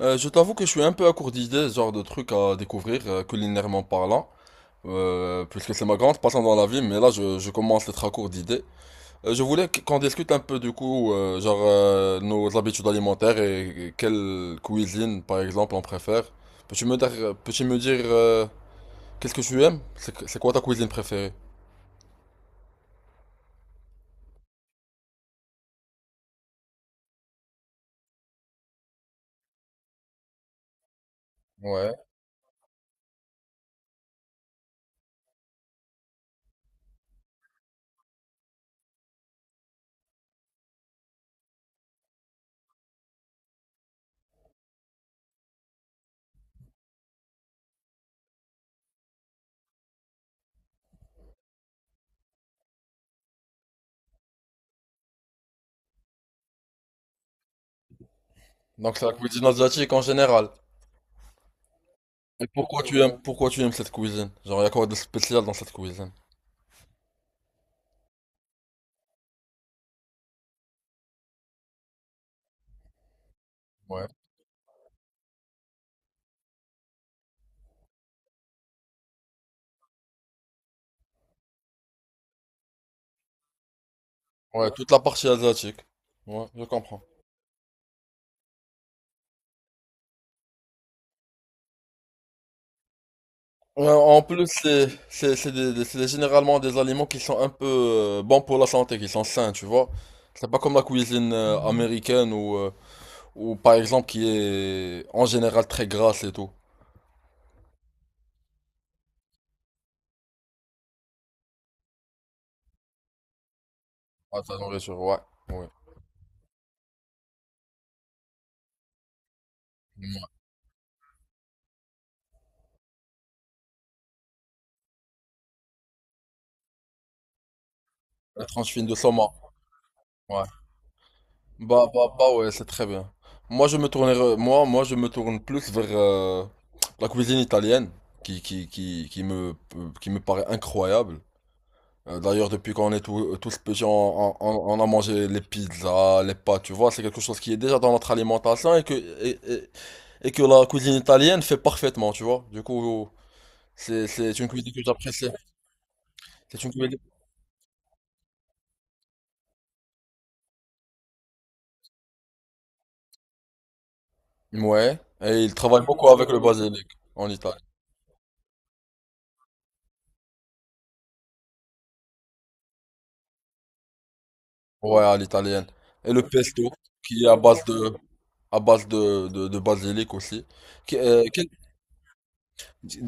Je t'avoue que je suis un peu à court d'idées, genre de trucs à découvrir, culinairement parlant, puisque c'est ma grande passion dans la vie, mais là je commence à être à court d'idées. Je voulais qu'on discute un peu du coup, nos habitudes alimentaires et quelle cuisine par exemple on préfère. Peux-tu me dire qu'est-ce que tu aimes? C'est quoi ta cuisine préférée? Ouais. Donc c'est la cuisine asiatique en général. Et pourquoi tu aimes cette cuisine? Genre y a quoi de spécial dans cette cuisine? Ouais, toute la partie asiatique. Ouais, je comprends. Ouais, en plus, c'est généralement des aliments qui sont un peu bons pour la santé, qui sont sains, tu vois. C'est pas comme la cuisine américaine ou par exemple qui est en général très grasse et tout. Ah, ta nourriture, ouais. Ouais. Ouais. La tranche fine de saumon. Ouais. Ouais, c'est très bien. Moi, je me tourne plus vers la cuisine italienne, qui me paraît incroyable. D'ailleurs, depuis qu'on est tous tous petits, on a mangé les pizzas, les pâtes, tu vois, c'est quelque chose qui est déjà dans notre alimentation et que la cuisine italienne fait parfaitement, tu vois. Du coup, c'est une cuisine que j'apprécie. C'est une cuisine. Ouais, et ils travaillent beaucoup avec le basilic en Italie. Ouais, à l'italienne. Et le pesto, qui est à base de, à base de basilic aussi. Que- euh, quel,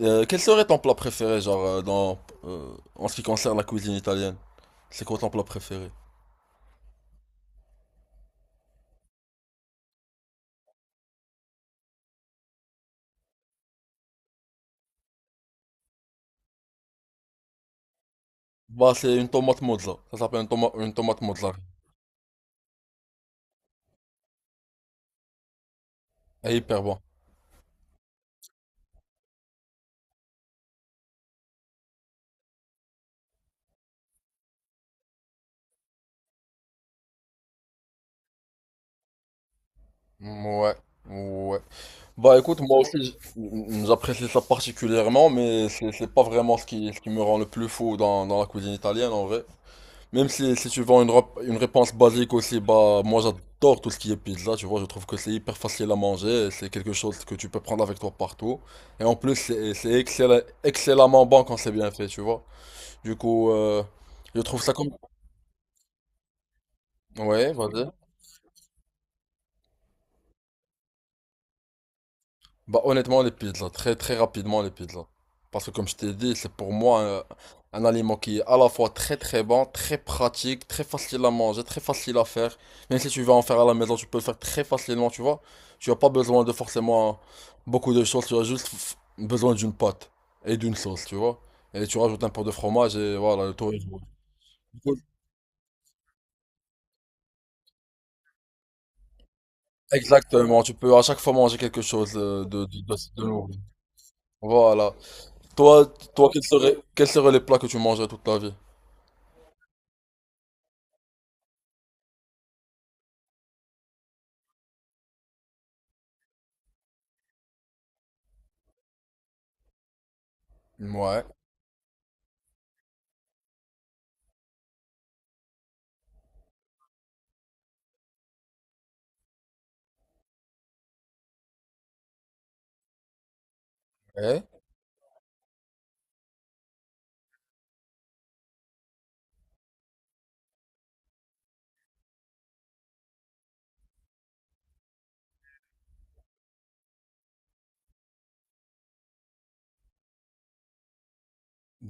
quel serait ton plat préféré, en ce qui concerne la cuisine italienne? C'est quoi ton plat préféré? Bah, c'est une tomate mozza. Ça s'appelle une tomate mozza. Elle est hyper bon. Ouais, ouais. Bah, écoute, moi aussi j'apprécie ça particulièrement, mais c'est pas vraiment ce qui me rend le plus fou dans, dans la cuisine italienne, en vrai. Même si, si tu vends une réponse basique aussi, bah, moi j'adore tout ce qui est pizza, tu vois. Je trouve que c'est hyper facile à manger, et c'est quelque chose que tu peux prendre avec toi partout. Et en plus, c'est excellemment bon quand c'est bien fait, tu vois. Du coup, je trouve ça comme... Ouais, vas-y. Bah honnêtement les pizzas, très très rapidement les pizzas. Parce que comme je t'ai dit, c'est pour moi un aliment qui est à la fois très très bon, très pratique, très facile à manger, très facile à faire. Même si tu vas en faire à la maison, tu peux le faire très facilement, tu vois. Tu n'as pas besoin de forcément beaucoup de choses, tu as juste besoin d'une pâte et d'une sauce, tu vois. Et tu rajoutes un peu de fromage et voilà, le tour est joué. Cool. Exactement, tu peux à chaque fois manger quelque chose de nouveau. Voilà. Toi, toi, quels seraient les plats que tu mangerais toute ta vie? Ouais, ouais,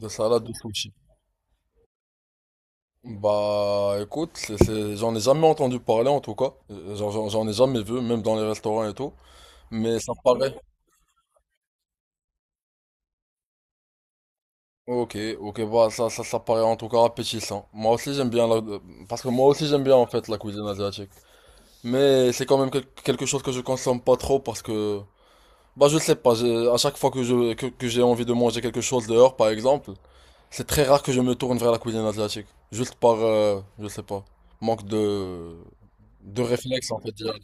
de salade de sushi. Bah écoute, j'en ai jamais entendu parler en tout cas. J'en j'en ai jamais vu, même dans les restaurants et tout. Mais ça paraît. Ok, ok, bah ça paraît en tout cas appétissant. Moi aussi j'aime bien la... Parce que moi aussi j'aime bien en fait la cuisine asiatique. Mais c'est quand même quelque chose que je consomme pas trop parce que... Bah je sais pas, à chaque fois que j'ai envie de manger quelque chose dehors par exemple, c'est très rare que je me tourne vers la cuisine asiatique. Juste par... je sais pas manque de réflexe, en fait, direct.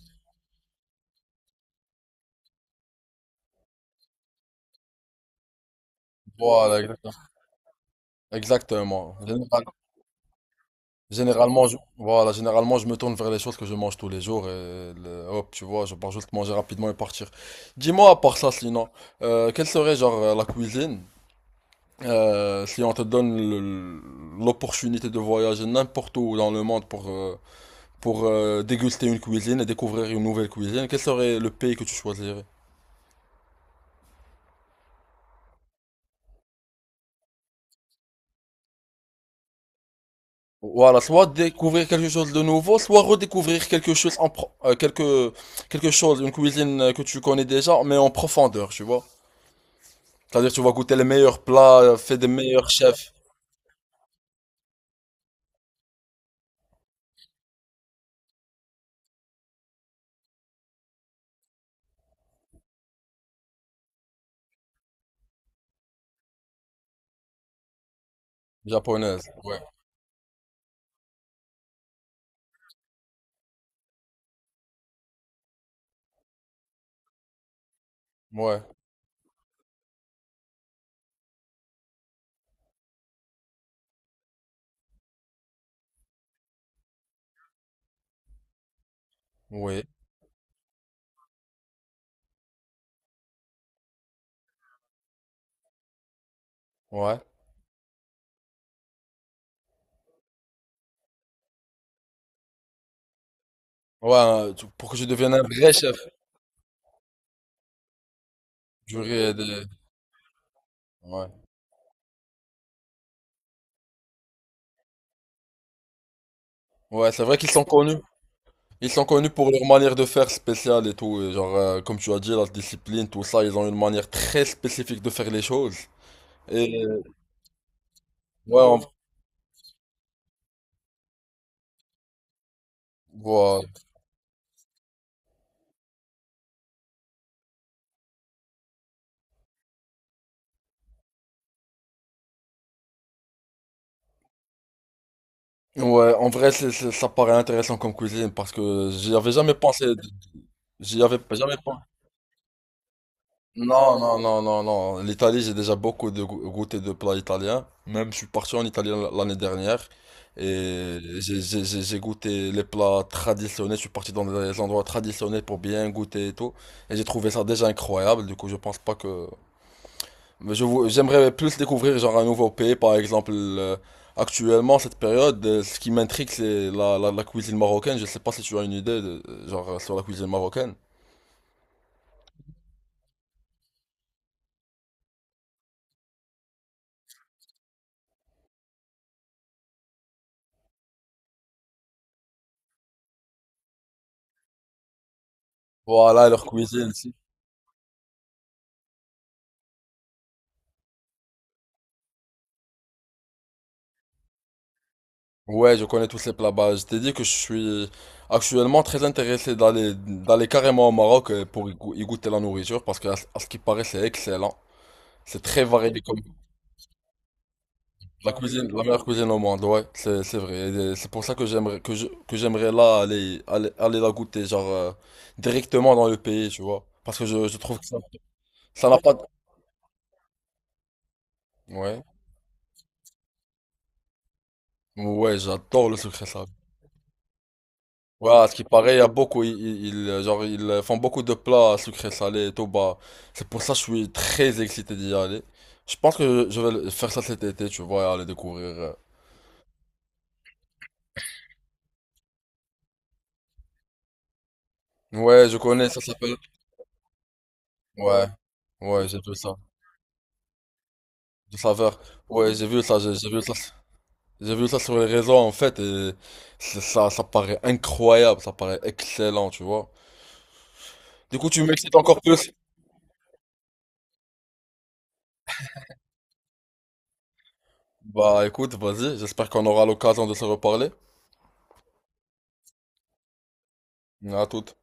Voilà, exactement. Exactement. Généralement, généralement, je me tourne vers les choses que je mange tous les jours et hop, tu vois, je pars juste manger rapidement et partir. Dis-moi, à part ça, sinon, quelle serait, genre, la cuisine, si on te donne l'opportunité de voyager n'importe où dans le monde pour, déguster une cuisine et découvrir une nouvelle cuisine, quel serait le pays que tu choisirais? Voilà, soit découvrir quelque chose de nouveau, soit redécouvrir quelque chose en pro- quelque quelque chose, une cuisine que tu connais déjà, mais en profondeur, tu vois. C'est-à-dire tu vas goûter les meilleurs plats faits des meilleurs chefs japonaises. Ouais, ouais, oui, ouais, ouais. Pour que je devienne un vrai chef, j'aurais des- Ouais, ouais, c'est vrai qu'ils sont connus. Ils sont connus pour leur manière de faire spéciale et tout. Et genre, comme tu as dit, la discipline, tout ça, ils ont une manière très spécifique de faire les choses. Et ouais, on- voilà. Ouais, en vrai, ça paraît intéressant comme cuisine parce que j'y avais jamais pensé. J'y avais pas- jamais pensé. Non, non, non, non, non. L'Italie, j'ai déjà beaucoup de goûté de plats italiens. Même, je suis parti en Italie l'année dernière et j'ai goûté les plats traditionnels. Je suis parti dans des endroits traditionnels pour bien goûter et tout. Et j'ai trouvé ça déjà incroyable. Du coup, je pense pas que mais j'aimerais plus découvrir genre un nouveau pays, par exemple. Actuellement, cette période, ce qui m'intrigue, c'est la cuisine marocaine. Je sais pas si tu as une idée de, sur la cuisine marocaine. Voilà, leur cuisine. Si. Ouais, je connais tous ces plats. Bah, je t'ai dit que je suis actuellement très intéressé d'aller carrément au Maroc pour y goûter la nourriture parce que ce à ce qui paraît, c'est excellent. C'est très varié. La cuisine, la meilleure cuisine au monde, ouais, c'est vrai. Et c'est pour ça que j'aimerais là aller la goûter genre directement dans le pays, tu vois. Parce que je trouve que ça ça n'a pas de- ouais. Ouais, j'adore le sucré salé. Ouais, à ce qui paraît, il y a beaucoup ils font beaucoup de plats sucré salé et tout, bah c'est pour ça que je suis très excité d'y aller. Je pense que je vais faire ça cet été, tu vois, et aller découvrir. Ouais, je connais, ça s'appelle. Ouais. Ouais, j'ai vu ça. De saveur. Ouais, j'ai vu ça, j'ai vu ça. J'ai vu ça sur les réseaux en fait et ça paraît incroyable, ça paraît excellent, tu vois. Du coup, tu m'excites encore plus. Bah écoute, vas-y, j'espère qu'on aura l'occasion de se reparler. À toute.